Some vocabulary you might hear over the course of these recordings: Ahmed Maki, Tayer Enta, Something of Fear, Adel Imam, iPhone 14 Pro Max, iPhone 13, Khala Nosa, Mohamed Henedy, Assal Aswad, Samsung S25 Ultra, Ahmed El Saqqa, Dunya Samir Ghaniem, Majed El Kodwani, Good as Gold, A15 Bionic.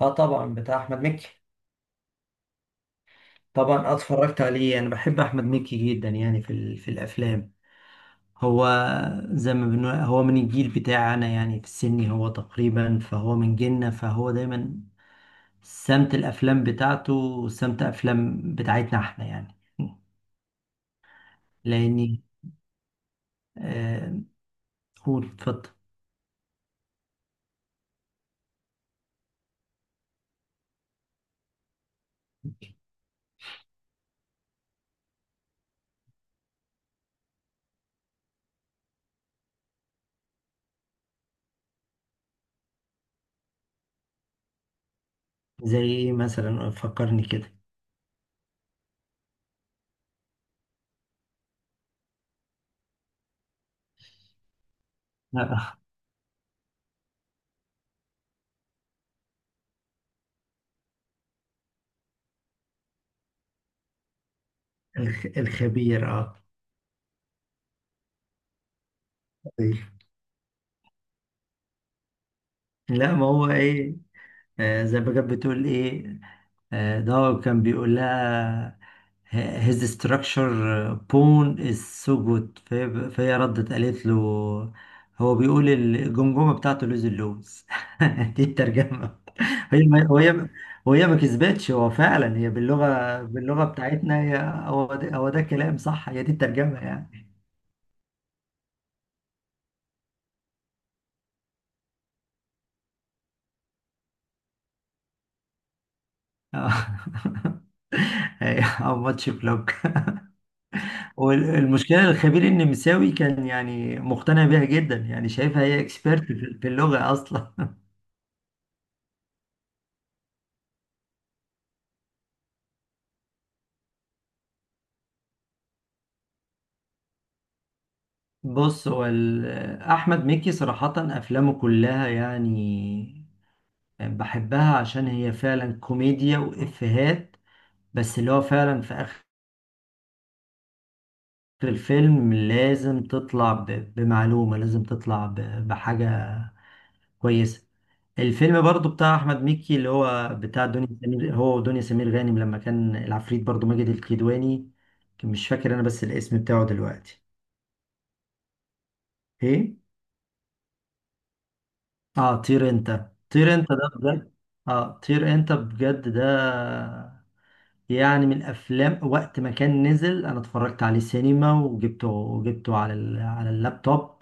اه، طبعا بتاع احمد مكي. طبعا اتفرجت عليه. انا بحب احمد مكي جدا يعني في الافلام. هو زي ما بنقول هو من الجيل بتاعنا، يعني في السن هو تقريبا فهو من جيلنا، فهو دايما سمت الافلام بتاعته وسمت افلام بتاعتنا احنا يعني. لاني آه هو، اتفضل. زي ايه مثلا؟ فكرني كده. آه، الخبير، طيب. لا ما هو ايه، زي ما كانت بتقول ايه، ده هو كان بيقول لها "H- his structure bone is so good"، فهي ردت قالت له هو بيقول الجمجمة بتاعته لوز، اللوز. دي الترجمة. هي ما وهي وهي ما كسبتش، هو فعلا هي باللغة بتاعتنا هي. هو ده كلام صح، هي دي الترجمة يعني. أو ماتش كلوك. والمشكله الخبير النمساوي كان يعني مقتنع بيها جدا، يعني شايفها هي اكسبيرت في في اللغه اصلا. بص، هو احمد مكي صراحه افلامه كلها يعني بحبها، عشان هي فعلا كوميديا وافيهات، بس اللي هو فعلا في اخر الفيلم لازم تطلع بمعلومه، لازم تطلع بحاجه كويس. الفيلم برضو بتاع احمد مكي اللي هو بتاع دنيا سمير، هو ودنيا سمير غانم، لما كان العفريت برضو ماجد الكدواني، كان مش فاكر انا بس الاسم بتاعه دلوقتي. ايه؟ اه، طير انت، طير انت ده بجد، اه طير انت بجد ده. يعني من الافلام، وقت ما كان نزل انا اتفرجت عليه سينما، وجبته على على اللابتوب،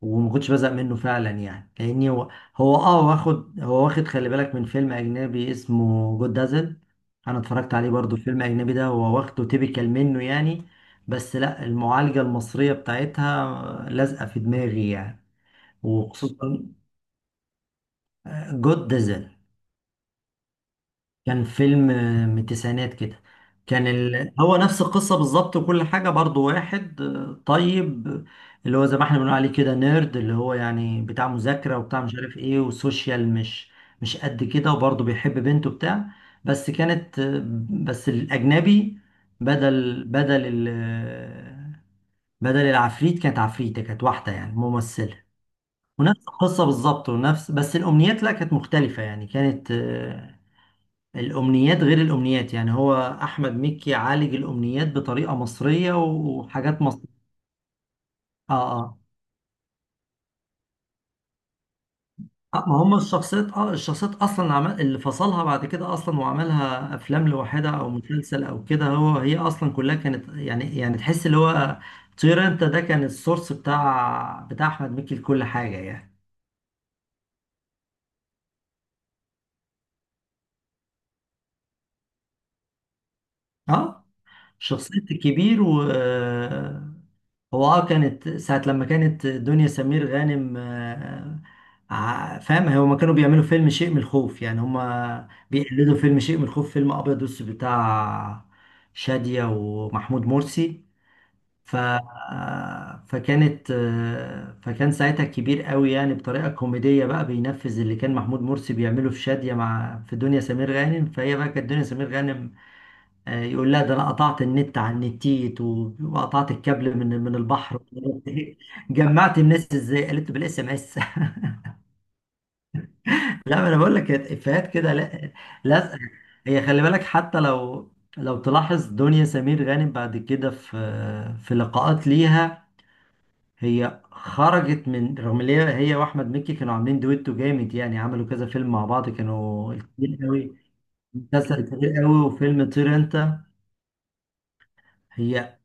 وما كنتش بزهق منه فعلا يعني، لاني هو، هو، واخد، هو واخد، خلي بالك، من فيلم اجنبي اسمه جود دازل. انا اتفرجت عليه برضو الفيلم الاجنبي ده، هو واخده تيبيكال منه يعني، بس لا، المعالجة المصرية بتاعتها لازقة في دماغي يعني. وخصوصا جود دازل، كان فيلم من التسعينات كده. هو نفس القصة بالظبط وكل حاجة، برضو واحد طيب، اللي هو زي ما احنا بنقول عليه كده نيرد، اللي هو يعني بتاع مذاكرة وبتاع مش عارف ايه وسوشيال مش قد كده، وبرضه بيحب بنته بتاع. بس كانت بس الأجنبي، بدل ال... آه، بدل العفريت كانت عفريتة، كانت واحدة يعني ممثلة. ونفس القصة بالظبط ونفس، بس الأمنيات لا كانت مختلفة يعني، كانت الأمنيات غير الأمنيات يعني. هو أحمد مكي عالج الأمنيات بطريقة مصرية وحاجات مصرية. آه، آه. ما هم الشخصيات، الشخصيات أصلا عمل اللي فصلها بعد كده أصلا وعملها أفلام لوحدها أو مسلسل أو كده. هو هي أصلا كلها كانت يعني تحس اللي هو طير أنت ده كان السورس بتاع أحمد مكي لكل حاجة يعني. آه، شخصية الكبير. و هو اه كانت ساعة لما كانت دنيا سمير غانم، فاهم، هما كانوا بيعملوا فيلم شيء من الخوف، يعني هما بيقلدوا فيلم شيء من الخوف، فيلم أبيض وأسود بتاع شادية ومحمود مرسي. ف آه، فكانت آه، فكان ساعتها كبير قوي، يعني بطريقة كوميدية بقى بينفذ اللي كان محمود مرسي بيعمله في شادية، مع في دنيا سمير غانم. فهي بقى كانت دنيا سمير غانم يقول لا، ده انا قطعت النت عن النتيت وقطعت الكابل من البحر. جمعت الناس ازاي؟ قالت بالاس ام اس. لا انا بقول لك، كانت افيهات كده، لا، لازقه. هي خلي بالك، حتى لو تلاحظ دنيا سمير غانم بعد كده في في لقاءات ليها، هي خرجت، من رغم ان هي، هي واحمد مكي كانوا عاملين دويتو جامد، يعني عملوا كذا فيلم مع بعض، كانوا كتير قوي، مسلسل كتير قوي وفيلم طير انت. هي،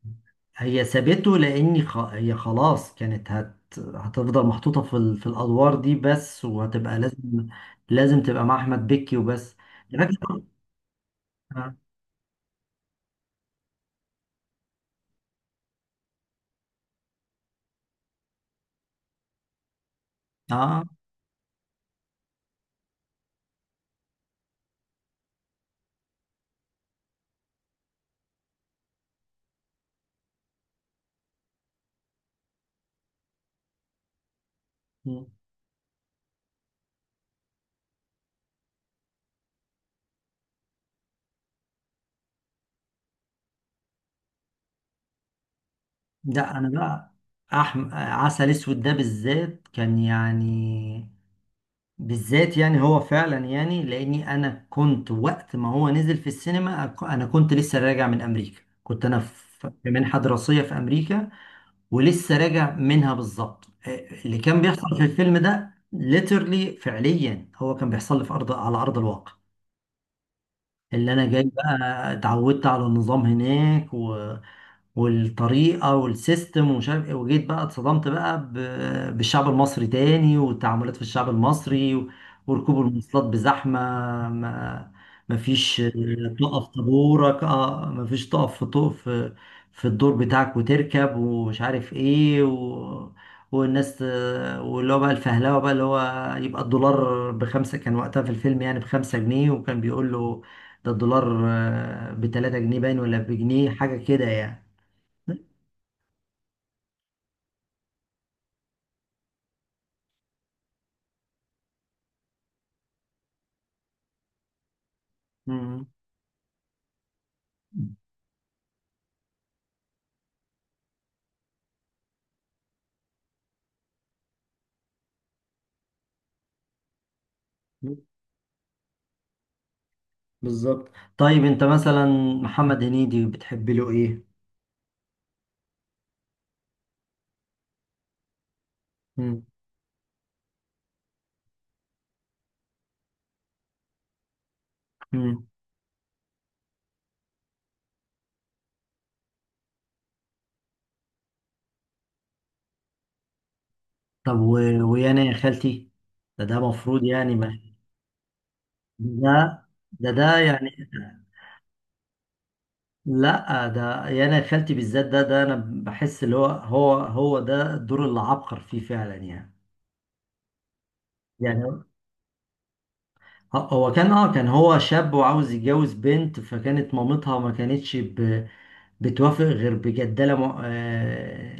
هي سابته، لان هي خلاص كانت هتفضل محطوطه في في الادوار دي بس، وهتبقى لازم، لازم تبقى مع احمد بكي وبس. لكن اه آه. لا، انا بقى عسل اسود ده بالذات كان يعني، بالذات يعني، هو فعلا يعني، لاني انا كنت وقت ما هو نزل في السينما انا كنت لسه راجع من امريكا، كنت انا في في منحه دراسيه في امريكا، ولسه راجع منها بالظبط. اللي كان بيحصل في الفيلم ده ليترلي فعليا هو كان بيحصل لي في ارض على ارض الواقع. اللي انا جاي بقى، اتعودت على النظام هناك و... والطريقة والسيستم ومش عارف ايه، وجيت بقى، اتصدمت بقى بالشعب المصري تاني، والتعاملات في الشعب المصري وركوب المواصلات بزحمة. ما مفيش تقف طابورك، مفيش تقف في في الدور بتاعك وتركب ومش عارف ايه و... والناس، واللي هو بقى الفهلوه بقى، اللي هو يبقى الدولار بخمسة كان وقتها في الفيلم، يعني ب5 جنيه، وكان بيقول له ده الدولار ب3 جنيه باين ولا بجنيه حاجة كده يعني. مم. بالظبط. طيب انت مثلا محمد هنيدي بتحب له ايه؟ مم. مم. طب و... ويانا يا خالتي، ده ده مفروض يعني ما، ده، ده، ده يعني. لا، ده يانا يا خالتي بالذات ده، ده انا بحس اللي هو هو هو ده الدور اللي عبقر فيه فعلا يعني. يعني هو، هو كان، كان هو شاب وعاوز يتجوز بنت، فكانت مامتها ما كانتش بتوافق غير بجدالة م... آه،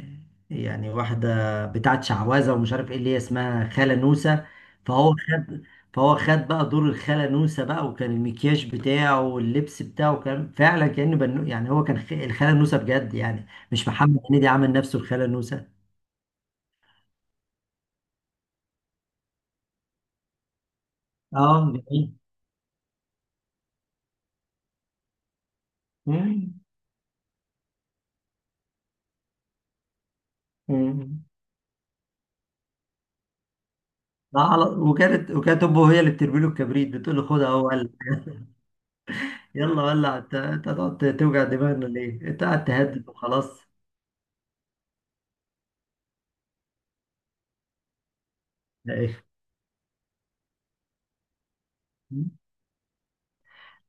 يعني واحدة بتاعت شعوذة ومش عارف ايه، اللي هي اسمها خالة نوسة. فهو خد فهو خد بقى دور الخالة نوسة بقى، وكان المكياج بتاعه واللبس بتاعه كان فعلا كأنه بنو، يعني هو كان الخالة نوسة بجد يعني، مش محمد هنيدي عمل نفسه الخالة نوسة. اه جميل. مم. مم. لا، وكانت امه هي اللي بترمي له الكبريت، بتقول له خدها اهو، قال يلا ولع انت هتقعد توجع دماغنا ليه؟ انت قاعد تهدد وخلاص.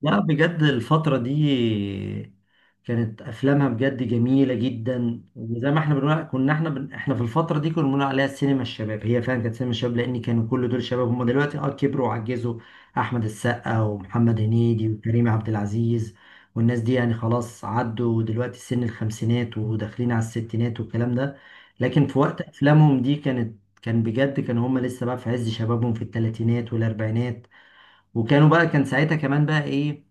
لا بجد الفترة دي كانت أفلامها بجد جميلة جدا، وزي ما احنا بنقول كنا احنا احنا في الفترة دي كنا بنقول عليها سينما الشباب. هي فعلا كانت سينما الشباب، لأن كانوا كل دول شباب. هم دلوقتي، اه، كبروا وعجزوا، أحمد السقا ومحمد هنيدي وكريم عبد العزيز والناس دي، يعني خلاص عدوا دلوقتي سن الخمسينات وداخلين على الستينات والكلام ده. لكن في وقت أفلامهم دي كانت، كان بجد كانوا هم لسه بقى في عز شبابهم في الثلاثينات والأربعينات. وكانوا بقى، كان ساعتها كمان بقى ايه،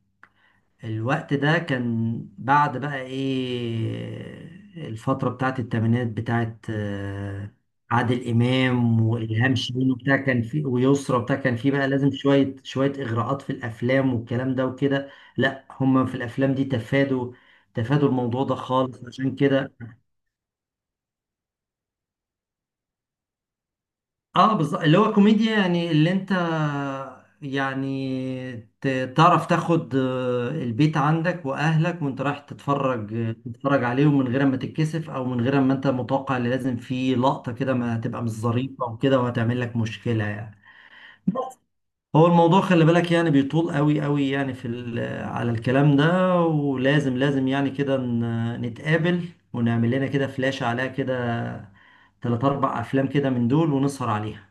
الوقت ده كان بعد بقى ايه الفترة بتاعت التمانينات بتاعت عادل إمام وإلهام شاهين وبتاع، كان في ويسرى وبتاع، كان في بقى لازم شوية شوية إغراءات في الأفلام والكلام ده وكده. لا هم في الأفلام دي تفادوا الموضوع ده خالص عشان كده. اه بالظبط، اللي هو كوميديا، يعني اللي انت يعني تعرف تاخد البيت عندك واهلك وانت رايح تتفرج عليهم من غير ما تتكسف، او من غير ما انت متوقع اللي لازم في لقطة كده ما هتبقى مش ظريفة وكده وهتعمل لك مشكلة يعني. هو الموضوع خلي بالك يعني بيطول قوي قوي يعني، على الكلام ده، ولازم، لازم يعني كده نتقابل ونعمل لنا كده فلاشة عليها كده تلات أربع أفلام كده من دول ونسهر عليها.